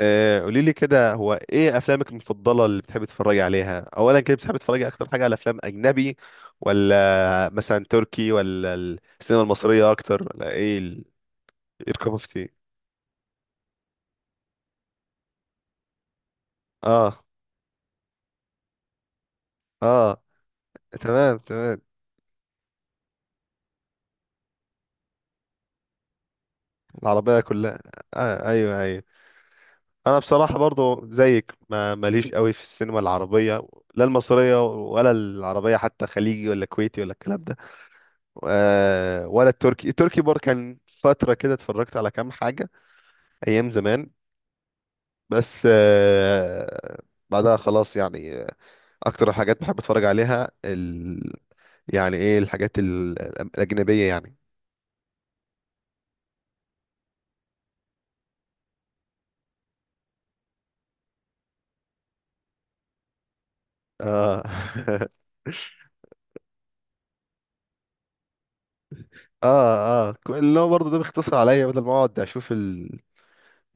آه، قولي لي كده، هو ايه افلامك المفضله اللي بتحبي تتفرجي عليها؟ اولا كده بتحبي تتفرجي اكتر حاجه على افلام اجنبي، ولا مثلا تركي، ولا السينما المصريه اكتر، ولا ايه ال-؟ إيه الكوب اوف تي؟ اه اه. تمام تمام. العربيه كلها. آه ايوه ايوه. انا بصراحه برضو زيك، ما ماليش قوي في السينما العربيه، لا المصريه ولا العربيه، حتى خليجي ولا كويتي ولا الكلام ده. آه ولا التركي، التركي برضه كان فتره كده اتفرجت على كام حاجه ايام زمان، بس بعدها خلاص يعني. اكتر حاجات بحب اتفرج عليها ال... يعني ايه الحاجات الاجنبيه يعني. اه. اه اه، اللي هو برضه ده بيختصر عليا بدل ما اقعد اشوف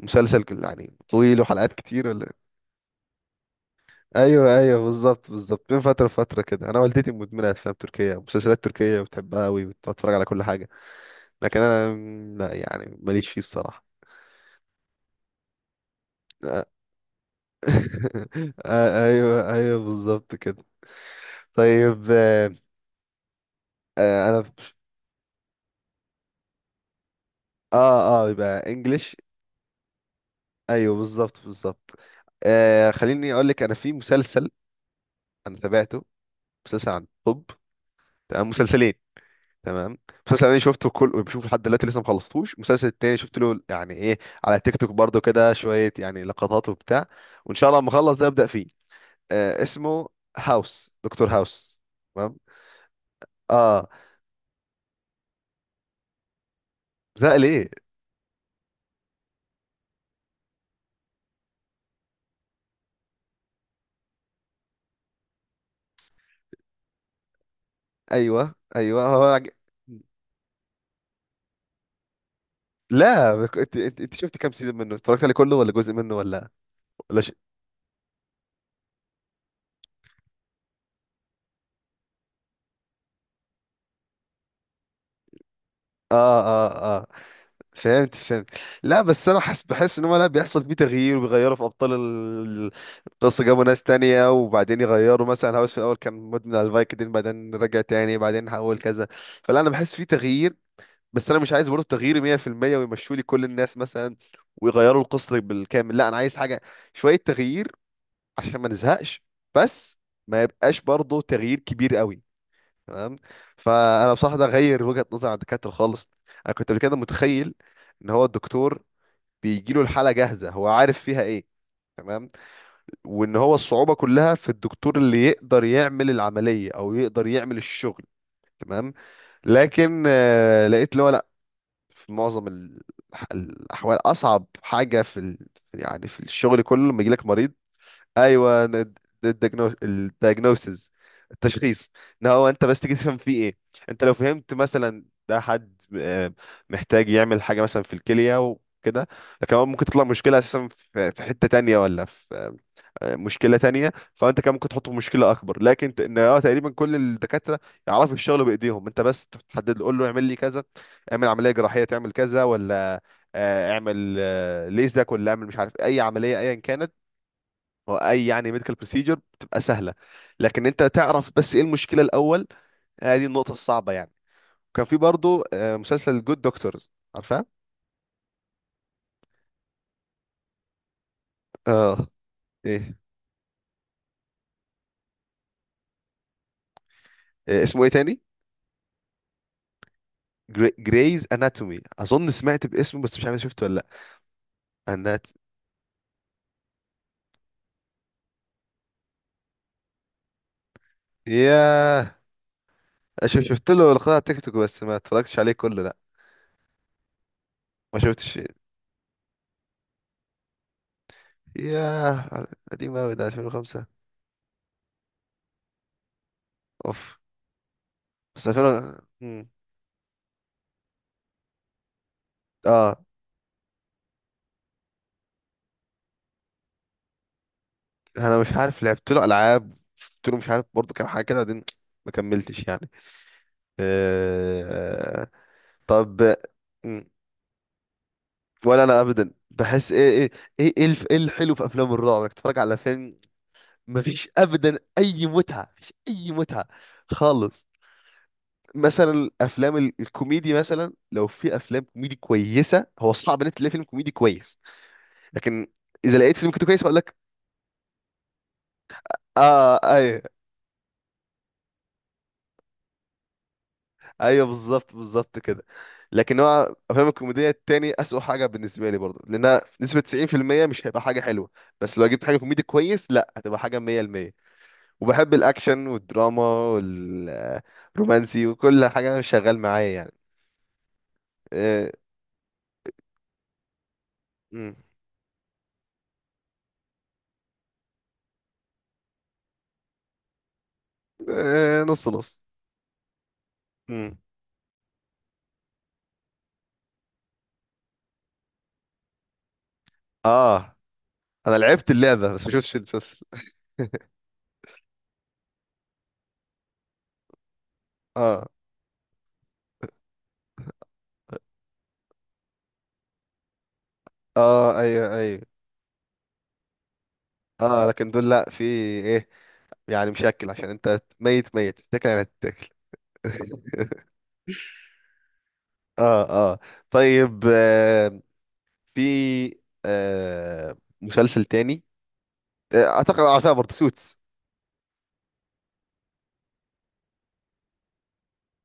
المسلسل يعني طويل وحلقات كتير ولا. ايوه ايوه بالظبط بالظبط. بين فتره وفتره كده، انا والدتي مدمنه افلام تركيه، مسلسلات تركيه، بتحبها قوي، بتتفرج على كل حاجه، لكن انا لا يعني ماليش فيه بصراحه. ايوه ايوه بالظبط كده. طيب انا. اه اه، يبقى انجلش. ايوه بالظبط بالظبط. آه خليني اقول لك، انا في مسلسل انا تابعته، مسلسل عن الطب. تمام. مسلسلين. تمام. مسلسل انا شفته كل بشوفه لحد دلوقتي لسه ما خلصتوش، المسلسل التاني شفت له يعني ايه على تيك توك برضو كده شويه، يعني لقطات وبتاع، وان شاء الله لما اخلص ده ابدا فيه. آه اسمه هاوس، دكتور هاوس. تمام. اه. ده ليه؟ ايوه ايوه هو. لا انت انت شفت كام سيزون منه؟ اتفرجت عليه كله ولا جزء منه ولا؟ ولا ش... اه اه اه، فهمت فهمت. لا بس انا حس بحس ان هو لا بيحصل فيه تغيير، وبيغيروا في ابطال القصه، جابوا ناس تانية وبعدين يغيروا، مثلا هاوس في الاول كان مدمن على الفايكدين، بعدين رجع تاني، بعدين حول كذا. فلا انا بحس فيه تغيير، بس انا مش عايز برضه تغيير 100%، ويمشوا لي كل الناس مثلا ويغيروا القصه بالكامل، لا انا عايز حاجه شويه تغيير عشان ما نزهقش، بس ما يبقاش برضه تغيير كبير قوي. تمام. فانا بصراحه ده غير وجهه نظري عن الدكاتره خالص. انا كنت قبل كده متخيل ان هو الدكتور بيجي له الحاله جاهزه، هو عارف فيها ايه، تمام، وان هو الصعوبه كلها في الدكتور اللي يقدر يعمل العمليه او يقدر يعمل الشغل، تمام. لكن لقيت اللي هو لا، في معظم الاحوال اصعب حاجه في ال... يعني في الشغل كله لما يجي لك مريض. ايوه، الدايجنوسيس، التشخيص. ان هو انت بس تيجي تفهم فيه ايه، انت لو فهمت مثلا ده حد محتاج يعمل حاجه مثلا في الكليه وكده، لكن هو ممكن تطلع مشكله اساسا في حته تانية ولا في مشكله تانية، فانت كان ممكن تحطه في مشكله اكبر. لكن ت- ان اه تقريبا كل الدكاتره يعرفوا الشغل بايديهم، انت بس تحدد له، قول له اعمل لي كذا، اعمل عمليه جراحيه، تعمل كذا ولا اعمل ليزك، ولا اعمل مش عارف اي عمليه ايا كانت. هو اي يعني ميديكال بروسيجر بتبقى سهله، لكن انت تعرف بس ايه المشكله الاول. هذه النقطه الصعبه يعني. كان في برضو مسلسل جود دكتورز، عارفاه. اه. ايه؟ اسمه ايه تاني؟ جريز اناتومي، اظن سمعت باسمه بس مش عارف شفته ولا لا. انات. ياه. شفت له لقاء على تيك توك بس ما اتفرجتش عليه كله لا. ما شفتش. ياه، قديم قوي ده 2005. اوف. بس 2000. اه. انا مش عارف لعبت له العاب، شفت له مش عارف برضه كام حاجه كده، بعدين ما كملتش يعني. أه... طب. م، ولا انا ابدا، بحس ايه ايه ايه ايه إيه الحلو في افلام الرعب؟ انك تتفرج على فيلم مفيش ابدا اي متعه، مفيش اي متعه خالص. مثلا الافلام الكوميدي، مثلا لو في افلام كوميدي كويسه، هو صعب ان انت تلاقي فيلم كوميدي كويس، لكن اذا لقيت فيلم كوميدي كويس هقول لك. اه اي. ايوه بالظبط بالظبط كده. لكن هو افلام الكوميديا التاني اسوأ حاجه بالنسبه لي برضه، لانها نسبه 90% مش هيبقى حاجه حلوه، بس لو جبت حاجه كوميدي كويس لا هتبقى حاجه 100%. وبحب الاكشن والدراما والرومانسي وكل حاجه شغال معايا يعني. إيه. مم. إيه، نص نص. مم. اه انا لعبت اللعبه بس ما شفتش المسلسل. اه اه ايوه ايوه. اه لكن دول لا، في ايه، يعني مشكل عشان انت ميت، ميت تتاكل يعني، هتتاكل. اه اه. طيب آه، في آه مسلسل تاني، آه اعتقد عارفها برضه، سوتس.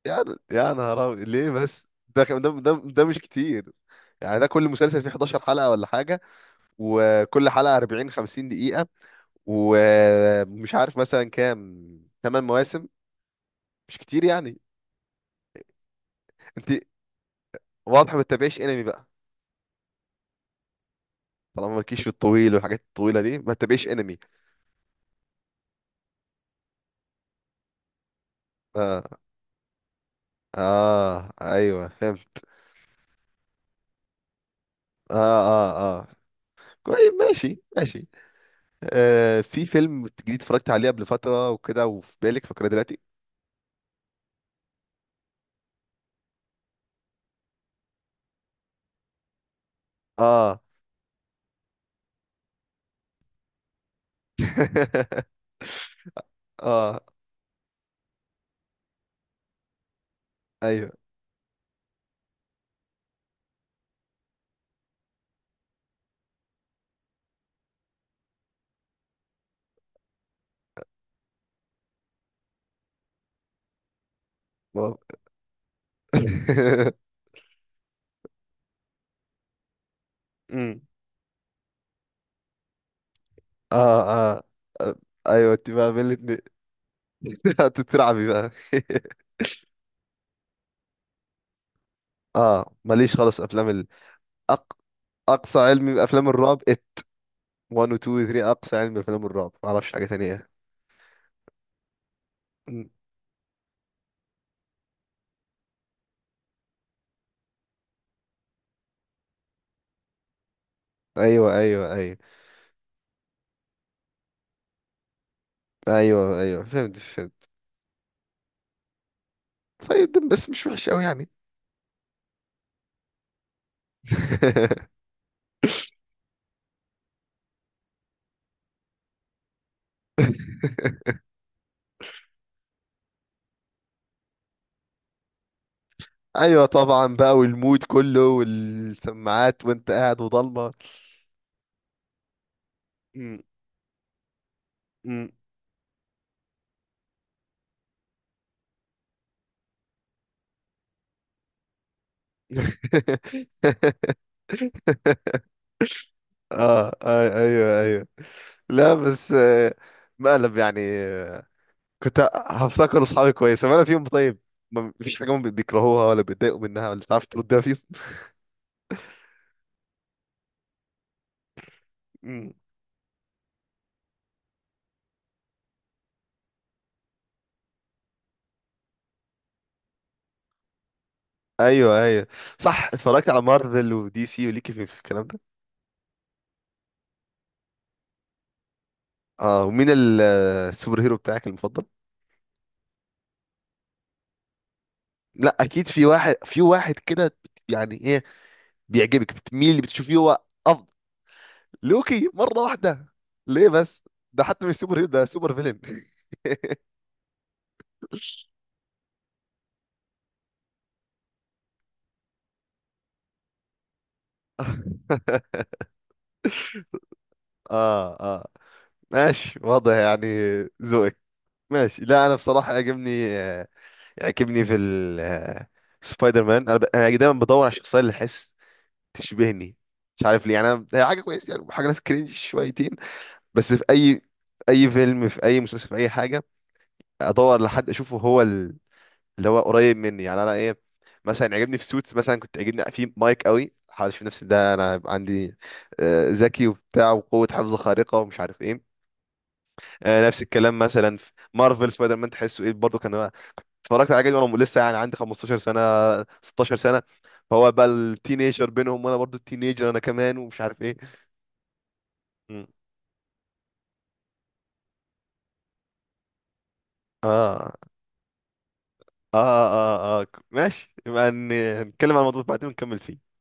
يا يا نهار أبيض، ليه بس؟ ده مش كتير يعني. ده كل مسلسل فيه 11 حلقة ولا حاجة، وكل حلقة 40 50 دقيقة، ومش عارف مثلا كام، 8 مواسم، مش كتير يعني. انت واضح ما بتتابعيش انمي بقى، طالما مالكيش في الطويل والحاجات الطويلة دي ما تتابعيش انمي. اه اه ايوه فهمت. اه اه اه. طيب ماشي ماشي. آه في فيلم جديد اتفرجت عليه قبل فترة وكده، وفي بالك فاكرة دلوقتي؟ اه. اه ايوه. بابا. أمم. اه اه آه، ايوه، انت بقى من الاتنين. هتترعبي بقى. اه ماليش خالص افلام ال... أق... اقصى علمي بافلام الرعب ات 1 و 2 و 3، اقصى علمي بافلام الرعب، ما اعرفش حاجة تانية. أمم. ايوه ايوه ايوه. ايوه ايوه فهمت فهمت. طيب ده بس مش وحش قوي يعني. ايوه طبعا بقى، والمود كله والسماعات وانت قاعد وضلمه. م- م. اه ايوه ايوه. لا بس مقلب يعني، كنت هفتكر اصحابي كويس، ولا فيهم طيب، ما فيش حاجه هم بيكرهوها ولا بيتضايقوا منها ولا تعرف تردها فيهم؟ م. ايوه ايوه. صح، اتفرجت على مارفل ودي سي وليكي في الكلام ده. اه، ومين السوبر هيرو بتاعك المفضل؟ لا اكيد في واحد، في واحد كده يعني ايه بيعجبك، بتميل اللي بتشوفيه هو افضل. لوكي؟ مره واحده، ليه بس؟ ده حتى مش سوبر هيرو، ده سوبر فيلن. اه اه ماشي، واضح يعني ذوقك. ماشي. لا انا بصراحه يعجبني آه، يعجبني في سبايدر مان. انا أنا دايما بدور على الشخصيه اللي احس تشبهني، مش عارف ليه، يعني هي حاجه كويسه يعني، حاجه ناس كرينج شويتين بس، في اي في اي فيلم، في اي مسلسل، في اي حاجه، ادور لحد اشوفه هو اللي هو قريب مني يعني، انا ايه. مثلا عجبني في سوتس مثلا، كنت عجبني في مايك قوي، حاول اشوف نفسي ده، انا هيبقى عندي ذكي وبتاع وقوه حفظ خارقه ومش عارف ايه. نفس الكلام مثلا في مارفل سبايدر مان، تحسه ايه برضه، كان هو اتفرجت على جدول وانا لسه يعني عندي 15 سنه، 16 سنه، فهو بقى التينيجر بينهم وانا برضو التينيجر انا كمان، ومش عارف ايه. م. اه اه اه اه، ماشي، يبقى نتكلم عن الموضوع بعدين ونكمل فيه.